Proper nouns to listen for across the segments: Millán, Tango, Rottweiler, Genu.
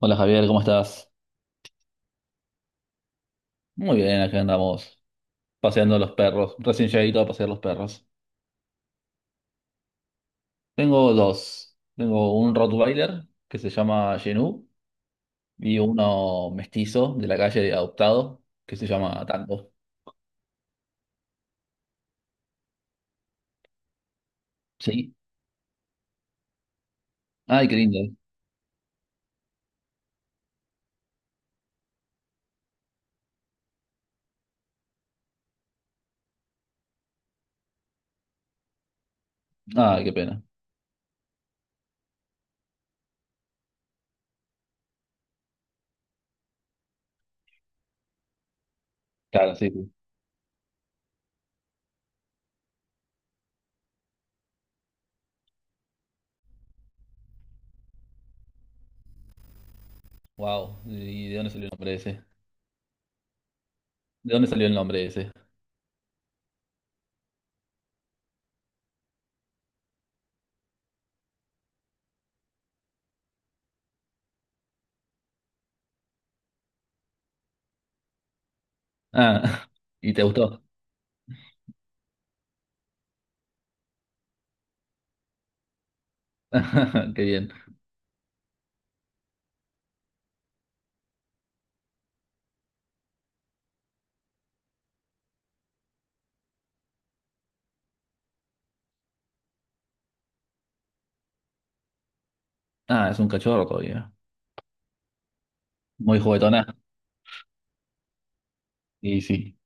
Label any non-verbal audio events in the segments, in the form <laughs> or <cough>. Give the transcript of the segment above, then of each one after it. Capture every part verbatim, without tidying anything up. Hola Javier, ¿cómo estás? Muy bien, acá andamos paseando los perros. Recién llegadito a pasear los perros. Tengo dos. Tengo un Rottweiler que se llama Genu y uno mestizo de la calle adoptado que se llama Tango. ¿Sí? Ay, qué lindo. Ay, qué pena. Claro, sí. Wow. ¿Y de dónde salió el nombre ese? ¿De dónde salió el nombre ese? Ah, <laughs> ¿y te gustó? <laughs> Qué bien. Ah, es un cachorro todavía. Muy juguetona. Y sí.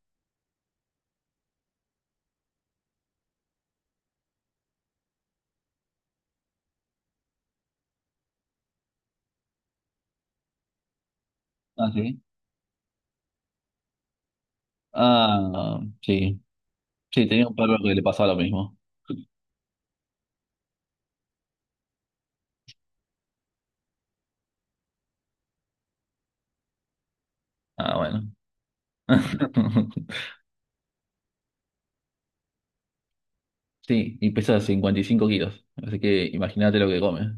Ah, sí. Ah, sí. Sí, tenía un perro que le pasaba lo mismo. Ah, bueno. <laughs> Sí, y pesa cincuenta y cinco kilos. Así que imagínate lo que come.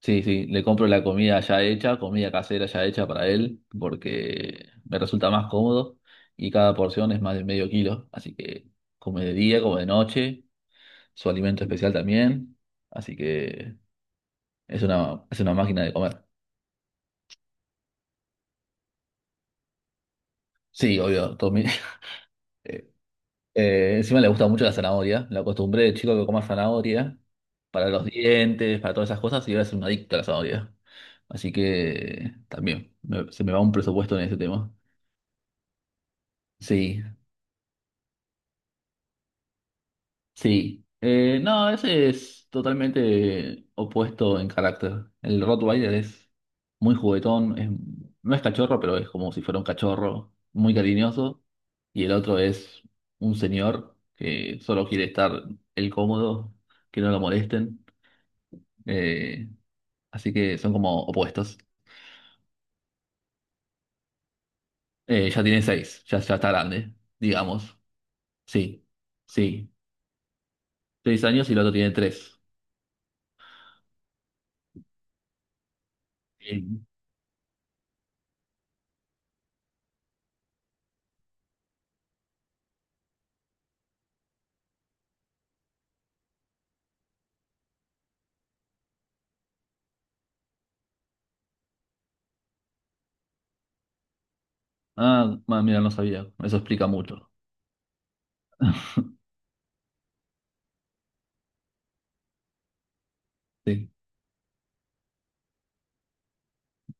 Sí, sí, le compro la comida ya hecha, comida casera ya hecha para él, porque me resulta más cómodo y cada porción es más de medio kilo. Así que come de día, come de noche, su alimento especial también. Así que es una, es una máquina de comer. Sí, obvio, todo mi- <laughs> Eh, encima le gusta mucho la zanahoria. La acostumbré de chico que coma zanahoria para los dientes, para todas esas cosas, y ahora es un adicto a la zanahoria. Así que también me- se me va un presupuesto en ese tema. Sí, sí. Eh, no, ese es totalmente opuesto en carácter. El Rottweiler es muy juguetón, es- no es cachorro, pero es como si fuera un cachorro, muy cariñoso. Y el otro es un señor que solo quiere estar el cómodo, que no lo molesten. Eh, Así que son como opuestos. Eh, ya tiene seis, ya, ya está grande, digamos. Sí, sí. Seis años y el otro tiene tres. Sí. Ah, ma- mira, no sabía. Eso explica mucho. Sí.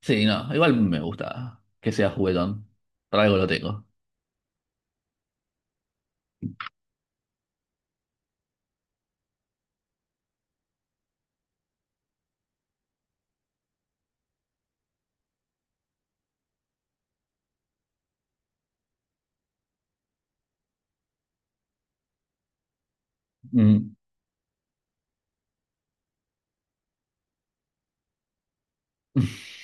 Sí, no, igual me gusta que sea juguetón. Para algo lo tengo. Mm. <laughs>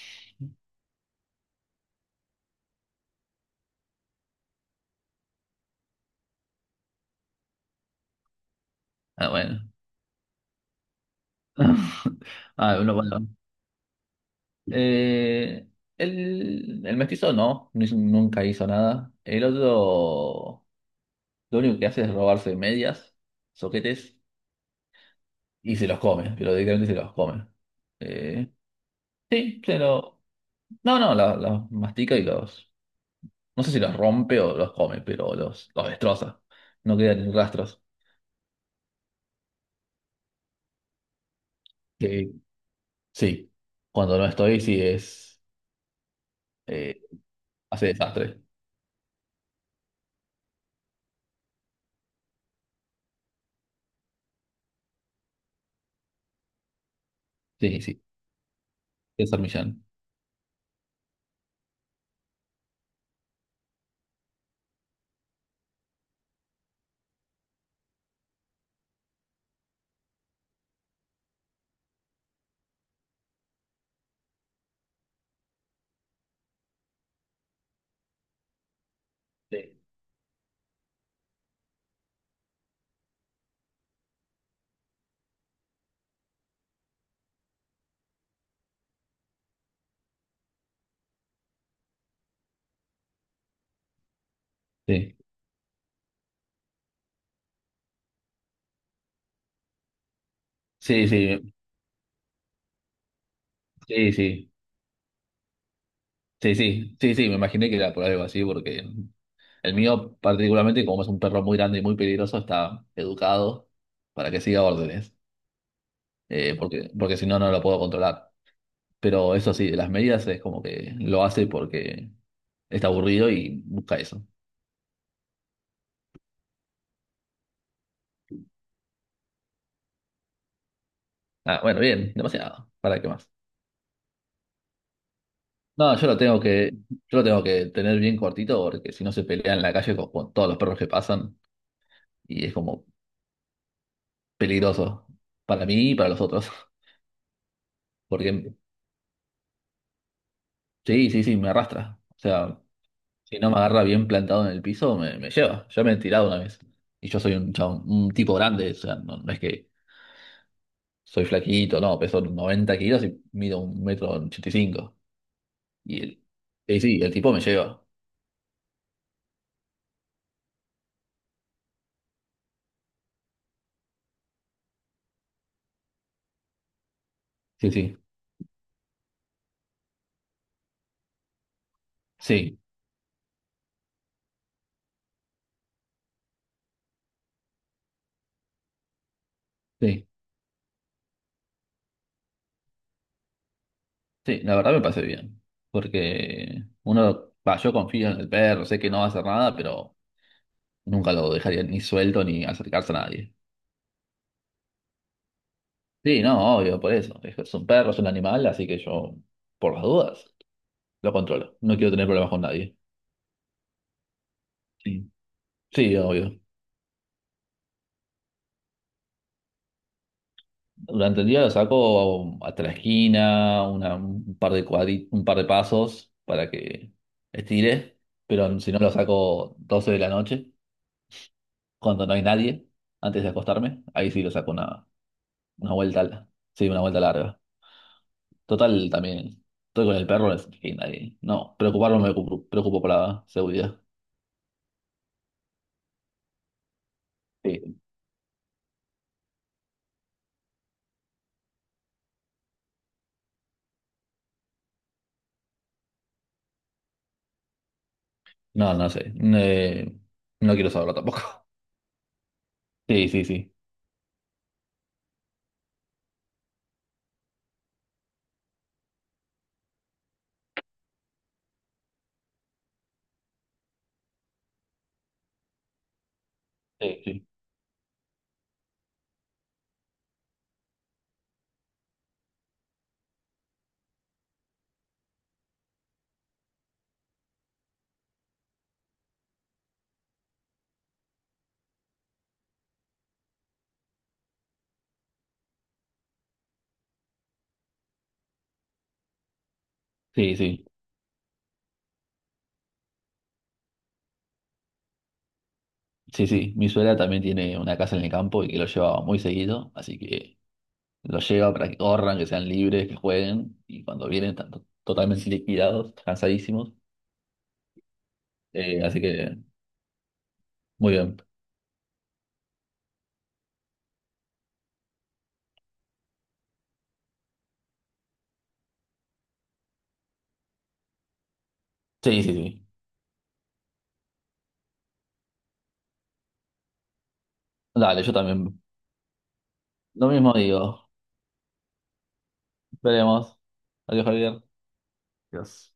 Ah, bueno. <laughs> Ah, bueno, bueno. Eh, el, el mestizo no, no hizo- nunca hizo nada. El otro, lo único que hace es robarse medias, soquetes. Y se los come, pero directamente se los come. Eh, sí, se lo. No, no, los, los mastica y los. No sé si los rompe o los come, pero los, los destroza. No quedan ni rastros. Sí, sí. Cuando no estoy, sí es. eh, Hace desastre. Sí, sí. Es Millán. Sí. Sí. Sí, sí. Sí, sí. Sí, sí. Sí, sí. Me imaginé que era por algo así, porque el mío, particularmente, como es un perro muy grande y muy peligroso, está educado para que siga órdenes. Eh, porque, porque si no, no lo puedo controlar. Pero eso sí, de las medidas es como que lo hace porque está aburrido y busca eso. Ah, bueno, bien, demasiado. ¿Para qué más? No, yo lo tengo que, Yo lo tengo que tener bien cortito porque si no se pelea en la calle con, con todos los perros que pasan y es como peligroso para mí y para los otros. <laughs> Porque sí, sí, sí, me arrastra. O sea, si no me agarra bien plantado en el piso, me, me lleva. Ya me he tirado una vez. Y yo soy un, chabón- un tipo grande, o sea, no, no es que soy flaquito, no, peso noventa kilos y mido un metro ochenta y cinco. Y, cinco. Y, el, y sí, el tipo me lleva. Sí, sí, sí, sí, sí, la verdad me pasé bien. Porque uno, va, yo confío en el perro, sé que no va a hacer nada, pero nunca lo dejaría ni suelto ni acercarse a nadie. Sí, no, obvio, por eso. Es, es un perro, es un animal, así que yo, por las dudas, lo controlo. No quiero tener problemas con nadie. Sí, sí, obvio. Durante el día lo saco hasta la esquina, una- un par de cuadri- un par de pasos para que estire, pero si no lo saco doce de la noche, cuando no hay nadie, antes de acostarme, ahí sí lo saco una, una vuelta, al- sí, una vuelta larga. Total, también estoy con el perro, es que nadie, no, preocuparme me preocupo, preocupo por la seguridad. Sí. No, no sé, eh, no quiero saberlo tampoco. <laughs> Sí, sí, sí, sí, sí, sí, sí. Sí, sí, mi suegra también tiene una casa en el campo y que lo lleva muy seguido, así que lo lleva para que corran, que sean libres, que jueguen, y cuando vienen están to- totalmente liquidados, cansadísimos, eh, así que muy bien. Sí, sí, sí. Dale, yo también. Lo mismo digo. Veremos. Adiós, Javier. Adiós.